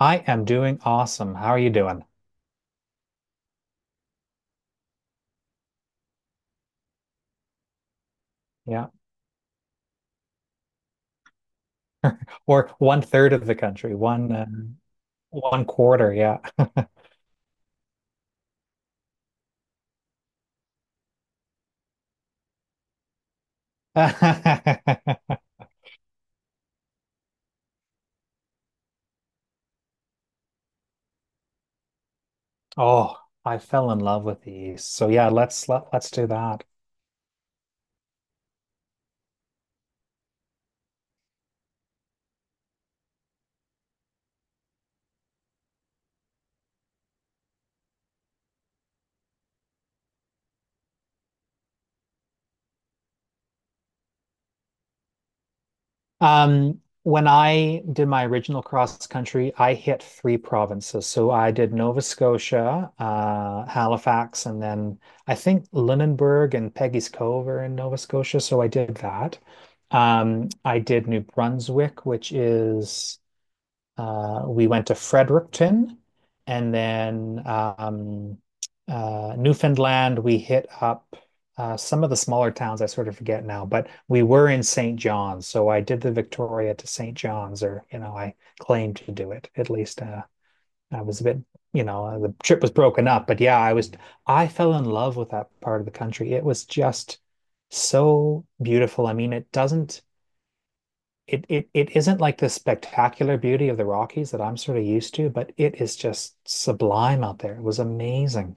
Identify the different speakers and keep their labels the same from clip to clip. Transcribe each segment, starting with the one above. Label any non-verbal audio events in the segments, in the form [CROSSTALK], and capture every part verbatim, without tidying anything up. Speaker 1: I am doing awesome. How are you doing? Yeah. Or one third of the country, one uh, one quarter. Yeah. [LAUGHS] Oh, I fell in love with the East. So yeah, let's let, let's do that. Um, when I did my original cross country, I hit three provinces. So I did Nova Scotia, uh, Halifax, and then I think Lunenburg and Peggy's Cove are in Nova Scotia. So I did that. Um, I did New Brunswick, which is Uh, we went to Fredericton and then um, uh, Newfoundland. We hit up uh, some of the smaller towns. I sort of forget now, but we were in Saint John's. So I did the Victoria to Saint John's, or, you know, I claimed to do it at least. Uh, I was a bit, you know, uh, the trip was broken up, but yeah, I was. I fell in love with that part of the country. It was just so beautiful. I mean, it doesn't it it it isn't like the spectacular beauty of the Rockies that I'm sort of used to, but it is just sublime out there. It was amazing.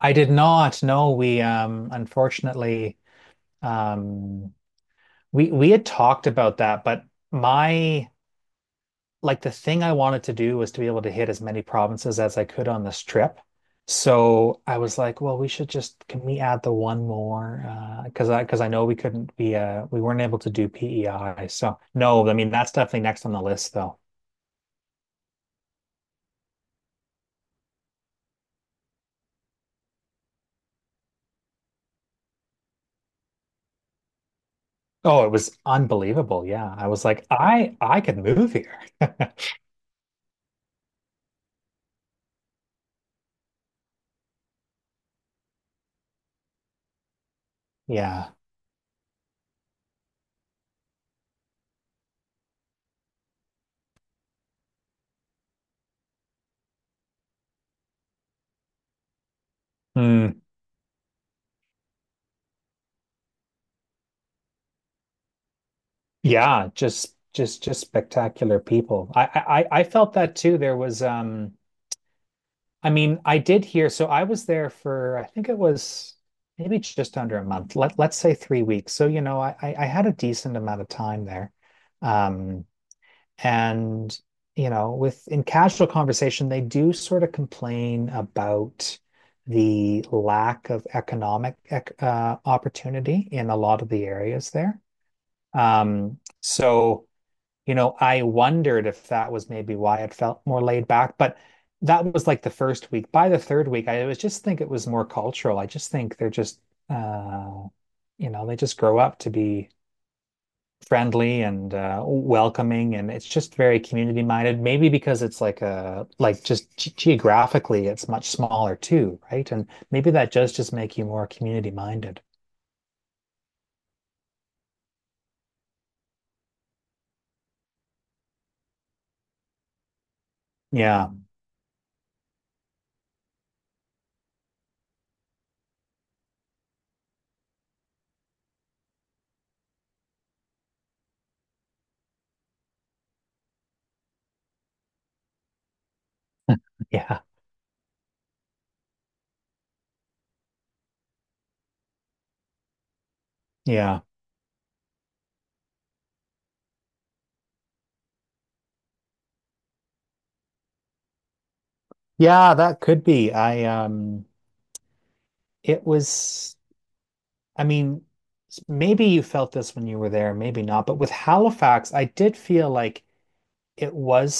Speaker 1: I did not know we, um unfortunately, um we we had talked about that, but my like, the thing I wanted to do was to be able to hit as many provinces as I could on this trip. So I was like, well, we should just can we add the one more? Uh, because I because I know we couldn't be uh we weren't able to do P E I. So no, I mean that's definitely next on the list though. Oh, it was unbelievable. Yeah. I was like, I I could move here. [LAUGHS] Yeah. Mm. Yeah, just just just spectacular people. I I I I felt that too. There was um I mean, I did hear, so I was there for I think it was maybe just under a month. Let let's say three weeks. So, you know, I I I had a decent amount of time there. Um And, you know, with in casual conversation, they do sort of complain about the lack of economic uh, opportunity in a lot of the areas there. Um, so, you know, I wondered if that was maybe why it felt more laid back, but that was like the first week. By the third week, I was just think it was more cultural. I just think they're just, uh, you know, they just grow up to be friendly and uh, welcoming, and it's just very community minded. Maybe because it's like a like just ge- geographically, it's much smaller too, right? And maybe that does just make you more community minded. Yeah, [LAUGHS] yeah, yeah, yeah. That could be. I um, It was. I mean, s- maybe you felt this when you were there, maybe not. But with Halifax, I did feel like it was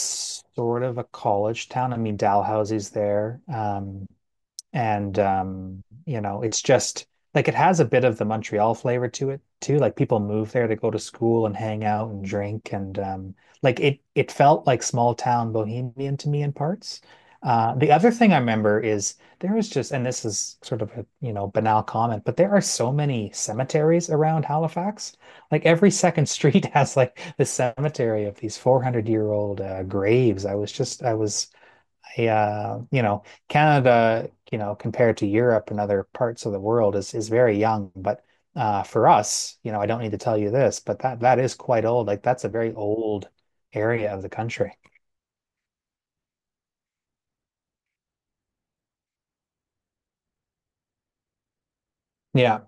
Speaker 1: sort of a college town. I mean, Dalhousie's there. Um, and, um, you know, it's just like it has a bit of the Montreal flavor to it too. Like people move there to go to school and hang out and drink, and um, like it it felt like small town bohemian to me in parts. Uh, the other thing I remember is, there was just, and this is sort of a, you know, banal comment, but there are so many cemeteries around Halifax. Like every second street [LAUGHS] has like the cemetery of these four hundred year old uh, graves. I was just, I was yeah, you know, Canada, you know, compared to Europe and other parts of the world is is very young, but uh for us, you know, I don't need to tell you this, but that that is quite old. Like that's a very old area of the country. Yeah.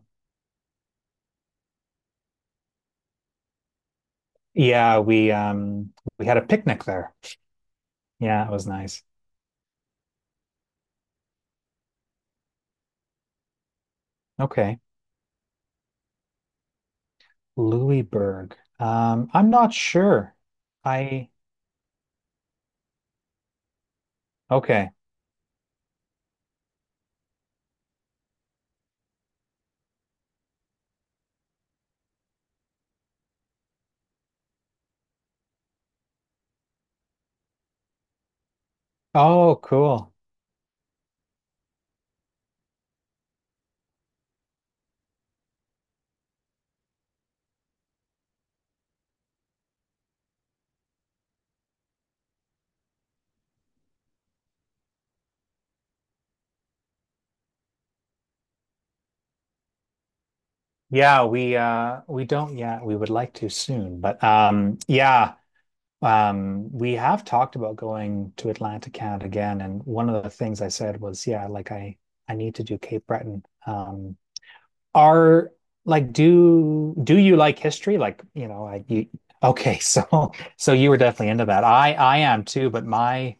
Speaker 1: Yeah, we um we had a picnic there. Yeah, it was nice. Okay. Louisburg. Um, I'm not sure. I Okay. Oh, cool. Yeah, we uh we don't yet. We would like to soon, but um yeah. Um, we have talked about going to Atlantic Canada again, and one of the things I said was, yeah, like I I need to do Cape Breton. Um, are Like, do do you like history? Like, you know, I you okay. [LAUGHS] so so you were definitely into that. I I am too, but my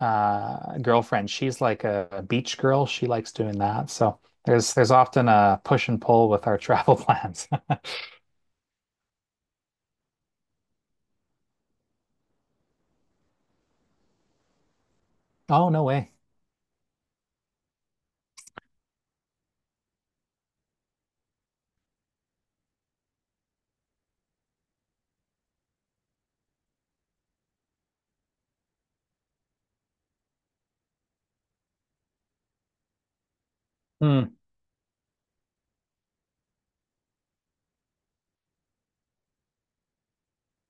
Speaker 1: uh girlfriend, she's like a, a beach girl. She likes doing that. So there's there's often a push and pull with our travel plans. [LAUGHS] Oh, no way. Hmm.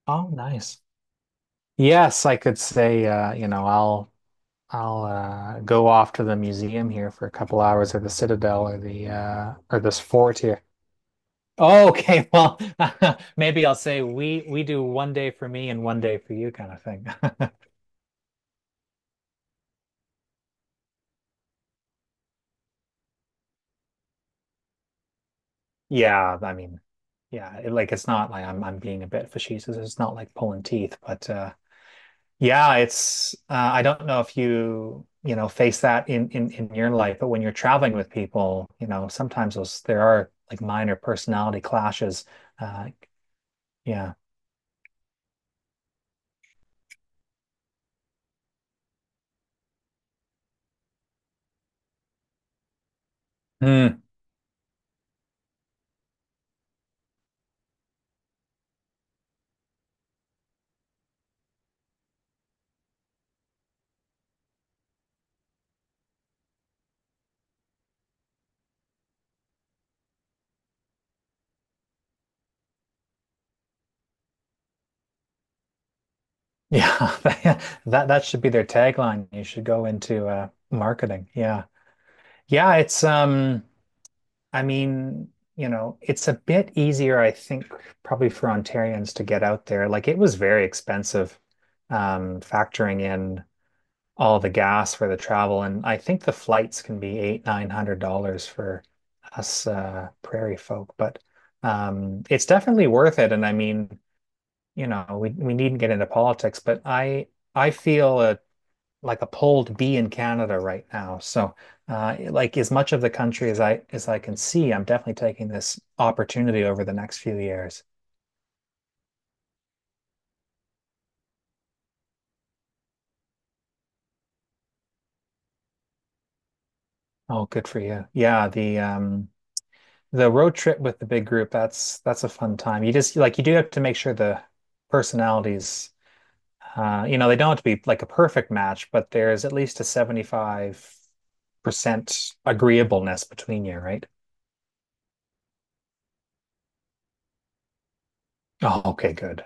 Speaker 1: Oh, nice. Yes, I could say, uh, you know, I'll I'll uh, go off to the museum here for a couple hours, or the Citadel, or the uh, or this fort here. Oh, okay, well, [LAUGHS] maybe I'll say we we do one day for me and one day for you, kind of thing. [LAUGHS] Yeah, I mean, yeah, it, like it's not like I'm I'm being a bit facetious. It's not like pulling teeth, but uh, yeah, it's uh, I don't know if you you know face that in in in your life, but when you're traveling with people, you know, sometimes those there are like minor personality clashes. Uh, yeah. Mm. Yeah, [LAUGHS] that that should be their tagline. You should go into uh, marketing. Yeah. Yeah, it's um I mean, you know, it's a bit easier I think probably for Ontarians to get out there. Like it was very expensive, um factoring in all the gas for the travel, and I think the flights can be eight or nine hundred dollars for us uh prairie folk. But um it's definitely worth it. And I mean, you know, we we needn't get into politics, but I I feel a like a pull to be in Canada right now. So, uh, like as much of the country as I as I can see, I'm definitely taking this opportunity over the next few years. Oh, good for you. Yeah, the um the road trip with the big group, that's that's a fun time. You just, like, you do have to make sure the personalities, uh you know, they don't have to be like a perfect match, but there's at least a seventy-five percent agreeableness between you, right? Oh, okay, good.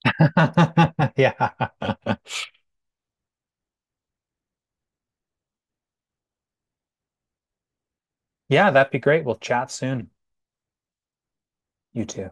Speaker 1: [LAUGHS] Yeah. Yeah, that'd be great. We'll chat soon. You too.